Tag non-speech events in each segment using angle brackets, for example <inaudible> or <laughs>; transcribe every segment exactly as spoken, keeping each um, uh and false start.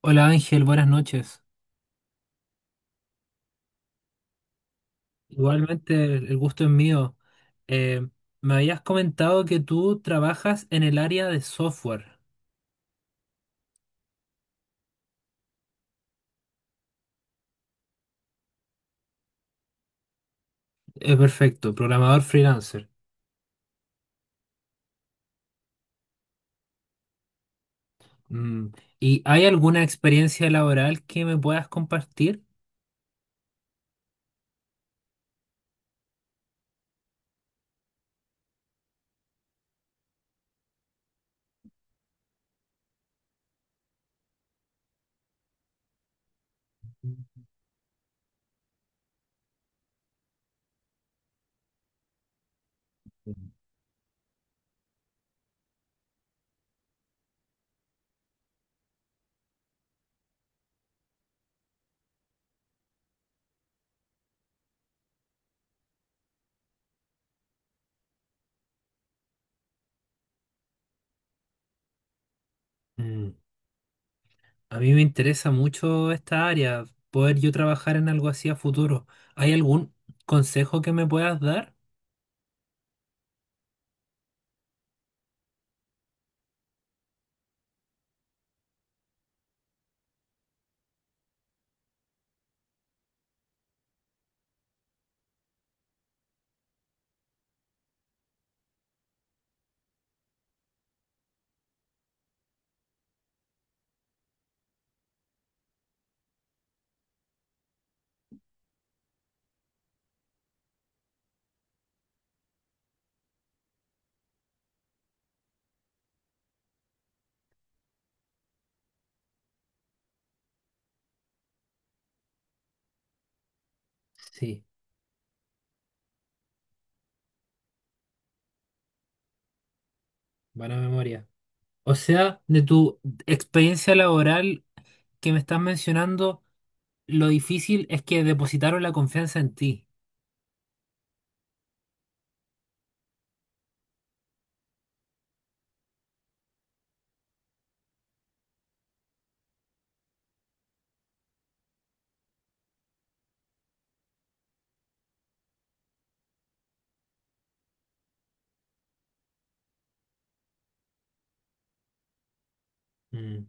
Hola Ángel, buenas noches. Igualmente el gusto es mío. Eh, Me habías comentado que tú trabajas en el área de software. Es perfecto, programador freelancer. Mm. ¿Y hay alguna experiencia laboral que me puedas compartir? Mm. A mí me interesa mucho esta área, poder yo trabajar en algo así a futuro. ¿Hay algún consejo que me puedas dar? Sí, buena memoria. O sea, de tu experiencia laboral que me estás mencionando, lo difícil es que depositaron la confianza en ti. Mm.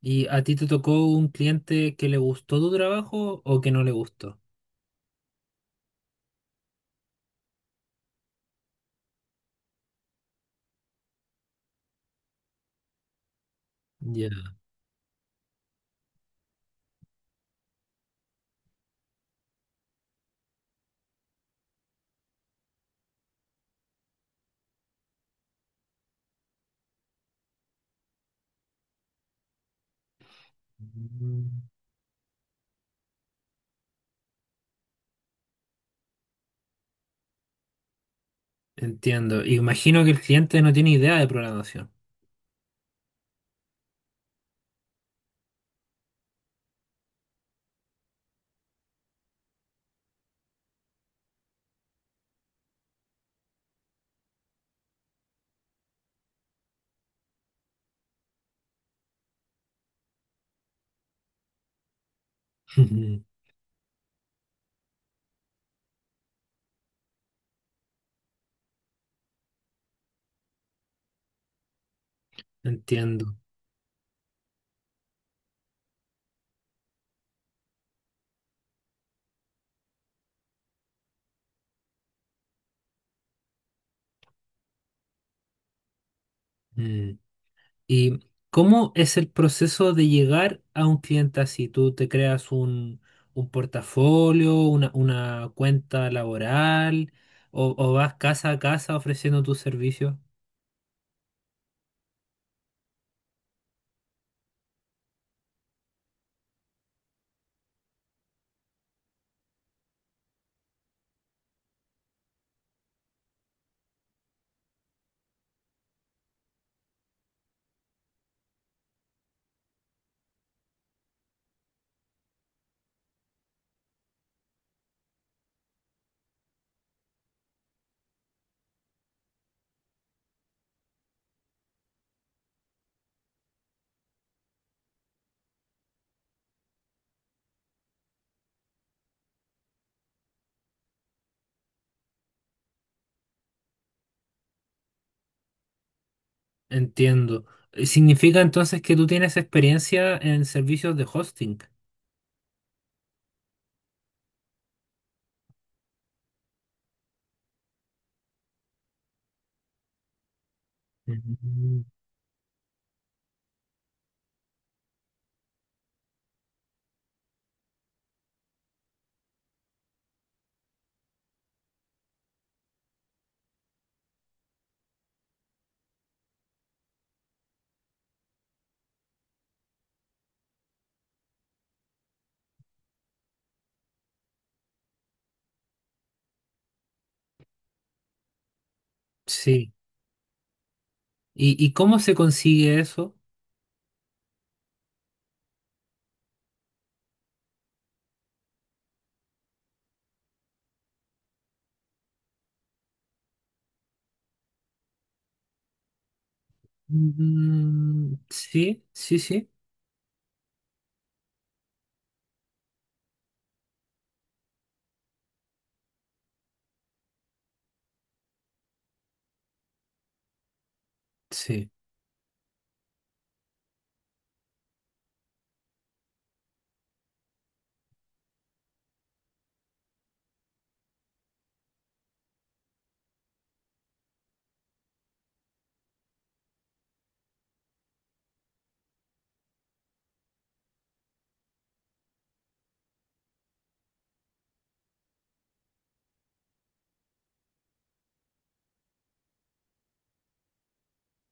¿Y a ti te tocó un cliente que le gustó tu trabajo o que no le gustó? Ya. Mm. Entiendo. Imagino que el cliente no tiene idea de programación. <laughs> Entiendo. Mm. ¿Y cómo es el proceso de llegar a un cliente así? ¿Tú te creas un, un portafolio, una, una cuenta laboral o, o vas casa a casa ofreciendo tus servicios? Entiendo. Eh, ¿Significa entonces que tú tienes experiencia en servicios de hosting? Mm. Sí. ¿Y, ¿y cómo se consigue eso? Mm, sí, sí, sí, sí.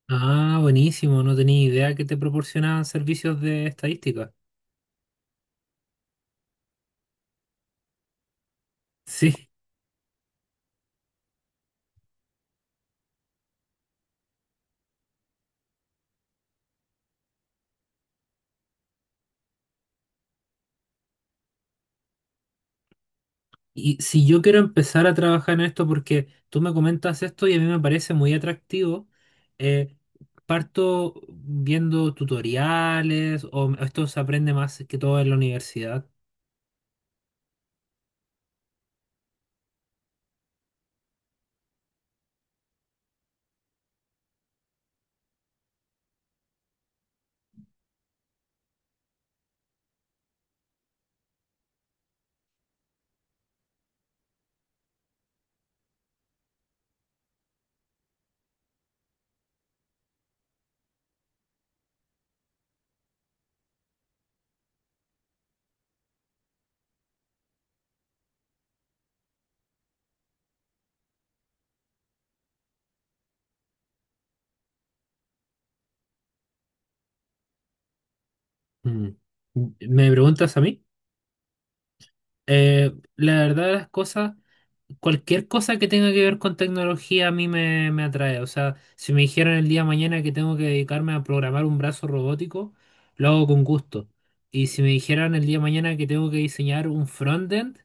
Ah, buenísimo, no tenía idea que te proporcionaban servicios de estadística. Sí, y si yo quiero empezar a trabajar en esto porque tú me comentas esto y a mí me parece muy atractivo, eh, parto viendo tutoriales o esto se aprende más que todo en la universidad. Mm. ¿Me preguntas a mí? Eh, la verdad de las cosas, cualquier cosa que tenga que ver con tecnología a mí me me atrae. O sea, si me dijeran el día de mañana que tengo que dedicarme a programar un brazo robótico, lo hago con gusto. Y si me dijeran el día de mañana que tengo que diseñar un frontend,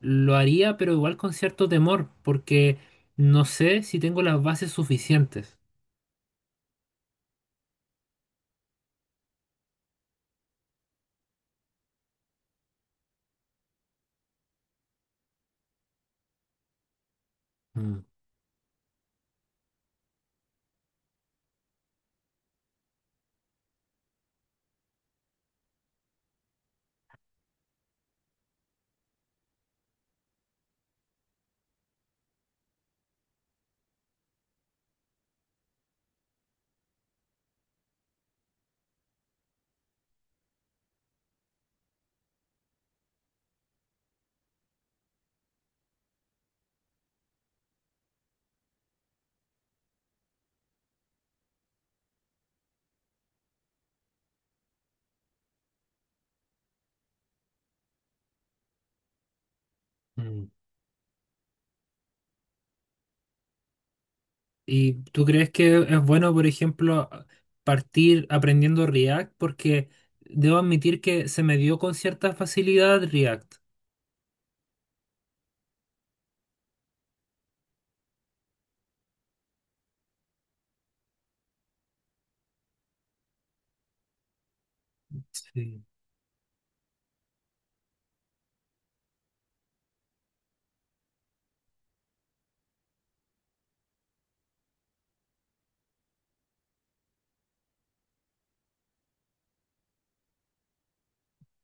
lo haría, pero igual con cierto temor, porque no sé si tengo las bases suficientes. Mm. Mm. ¿Y tú crees que es bueno, por ejemplo, partir aprendiendo React? Porque debo admitir que se me dio con cierta facilidad React. Sí.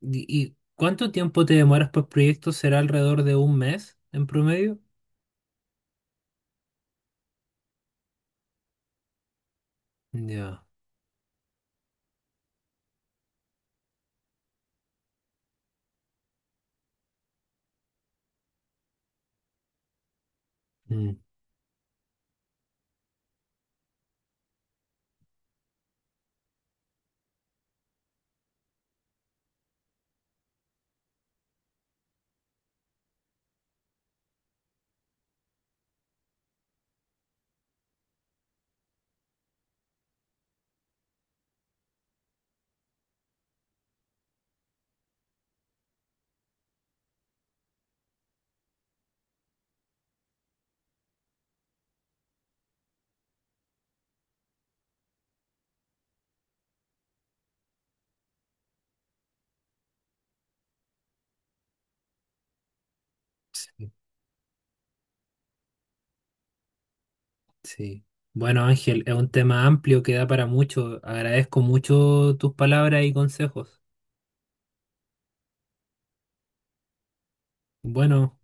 ¿Y y cuánto tiempo te demoras por proyecto? ¿Será alrededor de un mes en promedio? Ya. Mm, sí, sí. Bueno, Ángel, es un tema amplio que da para mucho. Agradezco mucho tus palabras y consejos. Bueno.